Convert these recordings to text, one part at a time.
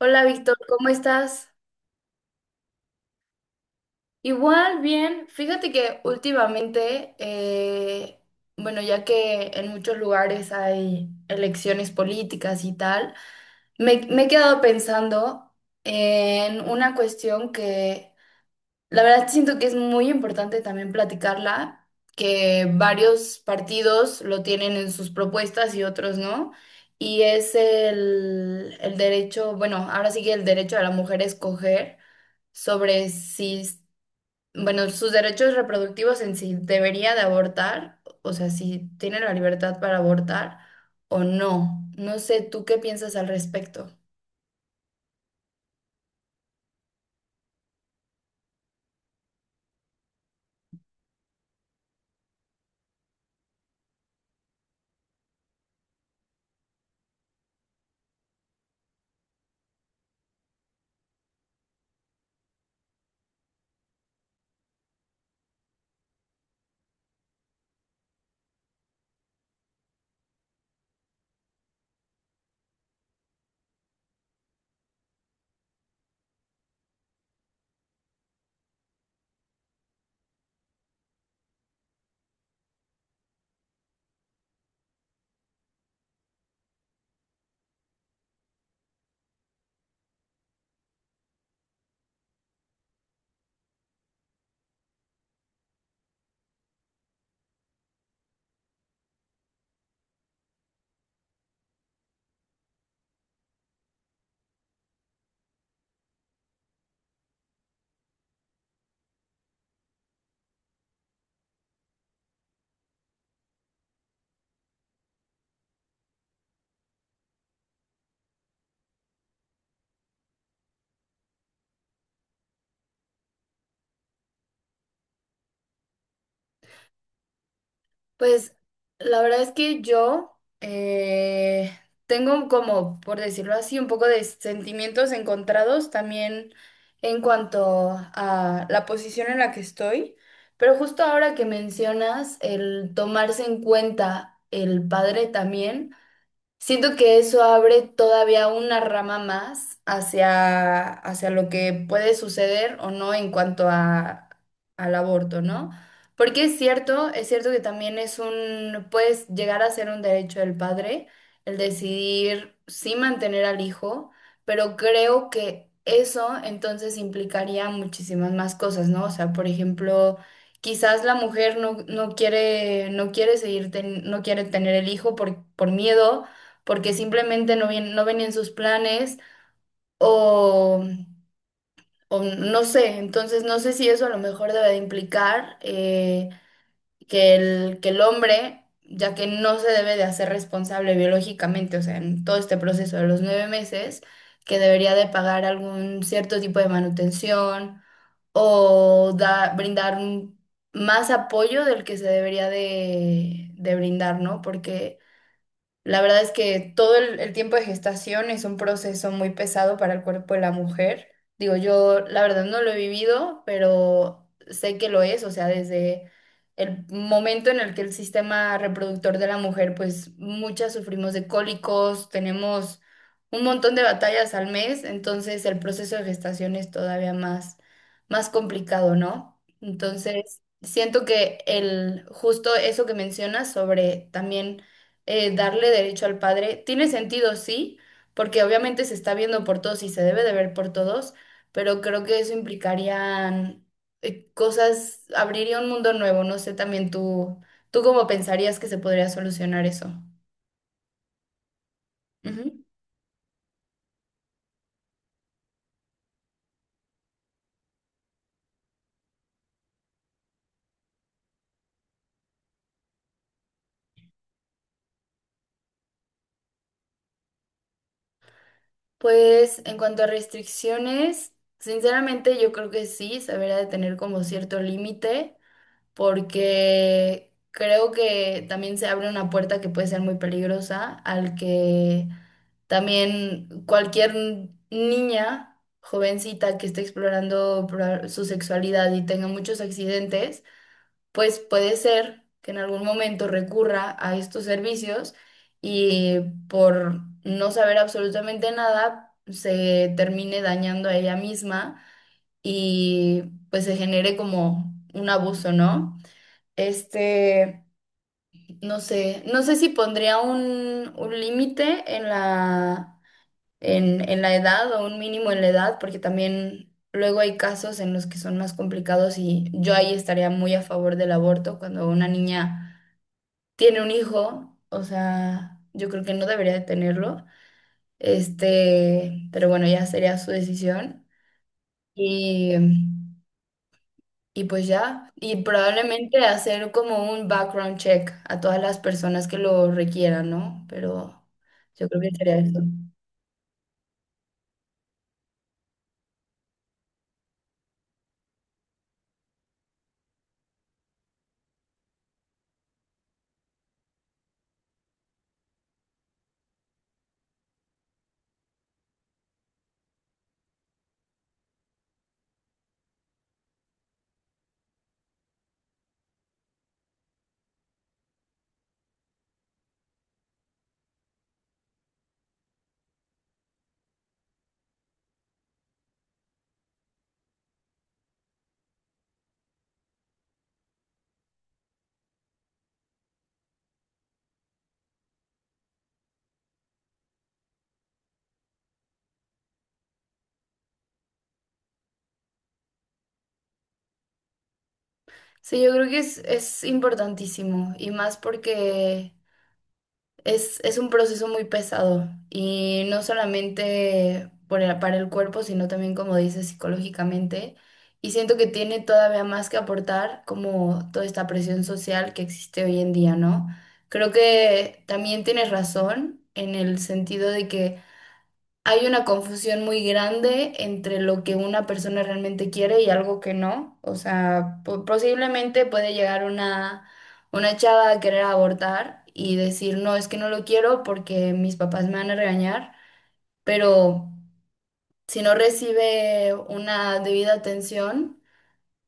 Hola Víctor, ¿cómo estás? Igual, bien. Fíjate que últimamente, bueno, ya que en muchos lugares hay elecciones políticas y tal, me he quedado pensando en una cuestión que la verdad siento que es muy importante también platicarla, que varios partidos lo tienen en sus propuestas y otros no. Y es el derecho, bueno, ahora sí que el derecho de la mujer a escoger sobre si, bueno, sus derechos reproductivos en si debería de abortar, o sea, si tiene la libertad para abortar o no. No sé, ¿tú qué piensas al respecto? Pues la verdad es que yo tengo como, por decirlo así, un poco de sentimientos encontrados también en cuanto a la posición en la que estoy, pero justo ahora que mencionas el tomarse en cuenta el padre también. Siento que eso abre todavía una rama más hacia, hacia lo que puede suceder o no en cuanto a, al aborto, ¿no? Porque es cierto que también es un, puedes llegar a ser un derecho del padre el decidir sí mantener al hijo, pero creo que eso entonces implicaría muchísimas más cosas, ¿no? O sea, por ejemplo... Quizás la mujer no, no quiere, no quiere seguir no quiere tener el hijo por miedo, porque simplemente no, no venían sus planes o, o no sé, entonces no sé si eso a lo mejor debe de implicar que que el hombre, ya que no se debe de hacer responsable biológicamente, o sea, en todo este proceso de los 9 meses, que debería de pagar algún cierto tipo de manutención o brindar más apoyo del que se debería de brindar, ¿no? Porque... La verdad es que todo el tiempo de gestación es un proceso muy pesado para el cuerpo de la mujer. Digo, yo la verdad no lo he vivido, pero sé que lo es, o sea, desde el momento en el que el sistema reproductor de la mujer, pues muchas sufrimos de cólicos, tenemos un montón de batallas al mes, entonces el proceso de gestación es todavía más, más complicado, ¿no? Entonces, siento que el justo eso que mencionas sobre también darle derecho al padre. Tiene sentido, sí, porque obviamente se está viendo por todos y se debe de ver por todos, pero creo que eso implicaría cosas, abriría un mundo nuevo. No sé también tú cómo pensarías que se podría solucionar eso. Ujú. Pues en cuanto a restricciones, sinceramente yo creo que sí, se debería de tener como cierto límite, porque creo que también se abre una puerta que puede ser muy peligrosa al que también cualquier niña jovencita que esté explorando su sexualidad y tenga muchos accidentes, pues puede ser que en algún momento recurra a estos servicios y por no saber absolutamente nada se termine dañando a ella misma y pues se genere como un abuso, ¿no? Este, no sé, no sé si pondría un límite en la en la edad o un mínimo en la edad, porque también luego hay casos en los que son más complicados y yo ahí estaría muy a favor del aborto cuando una niña tiene un hijo, o sea, yo creo que no debería de tenerlo, este, pero bueno, ya sería su decisión y, y pues ya, y probablemente hacer como un background check a todas las personas que lo requieran, ¿no? Pero yo creo que sería eso. Sí, yo creo que es importantísimo y más porque es un proceso muy pesado y no solamente por para el cuerpo, sino también, como dices, psicológicamente. Y siento que tiene todavía más que aportar como toda esta presión social que existe hoy en día, ¿no? Creo que también tienes razón en el sentido de que... Hay una confusión muy grande entre lo que una persona realmente quiere y algo que no. O sea, posiblemente puede llegar una chava a querer abortar y decir, no, es que no lo quiero porque mis papás me van a regañar, pero si no recibe una debida atención,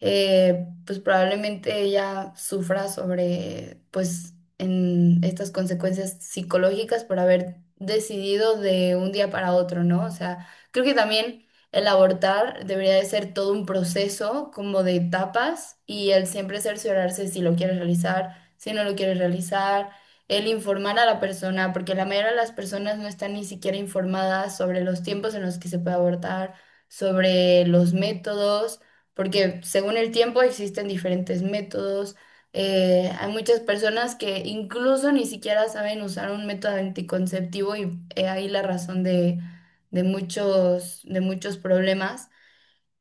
pues probablemente ella sufra sobre, pues, en estas consecuencias psicológicas por haber decidido de un día para otro, ¿no? O sea, creo que también el abortar debería de ser todo un proceso como de etapas y el siempre cerciorarse si lo quieres realizar, si no lo quieres realizar. El informar a la persona, porque la mayoría de las personas no están ni siquiera informadas sobre los tiempos en los que se puede abortar, sobre los métodos, porque según el tiempo existen diferentes métodos. Hay muchas personas que incluso ni siquiera saben usar un método anticonceptivo y he ahí la razón de muchos problemas.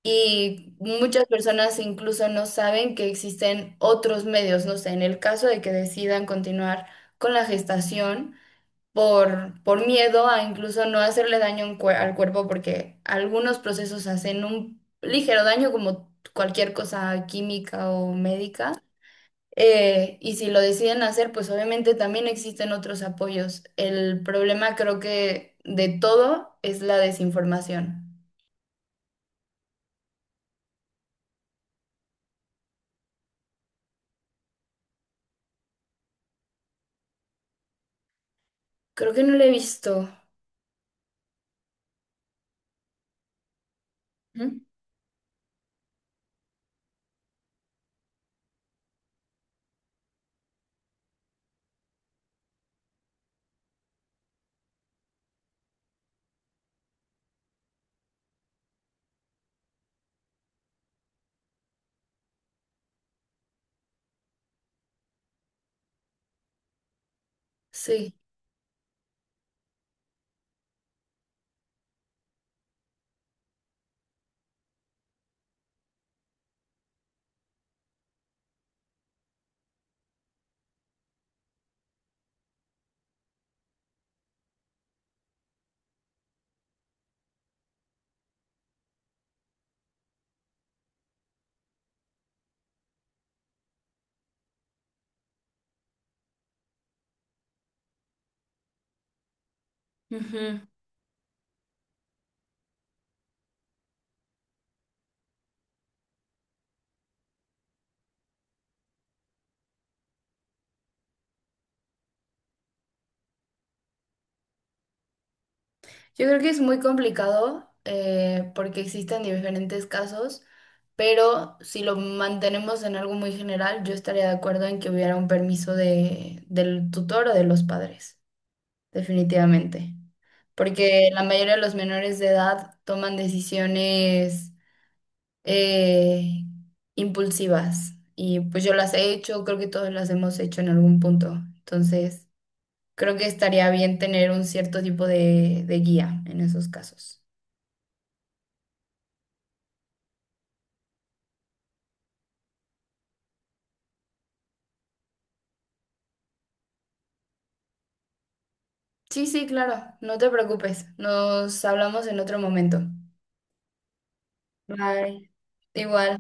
Y muchas personas incluso no saben que existen otros medios, no sé, en el caso de que decidan continuar con la gestación por miedo a incluso no hacerle daño en al cuerpo, porque algunos procesos hacen un ligero daño, como cualquier cosa química o médica. Y si lo deciden hacer, pues obviamente también existen otros apoyos. El problema creo que de todo es la desinformación. Creo que no lo he visto. Ujú. Sí. Ujú. Yo creo que es muy complicado porque existen diferentes casos, pero si lo mantenemos en algo muy general, yo estaría de acuerdo en que hubiera un permiso de, del tutor o de los padres, definitivamente. Porque la mayoría de los menores de edad toman decisiones eh, impulsivas y pues yo las he hecho, creo que todos las hemos hecho en algún punto. Entonces, creo que estaría bien tener un cierto tipo de guía en esos casos. Sí, sí, claro, no te preocupes. Nos hablamos en otro momento. Bye. Igual.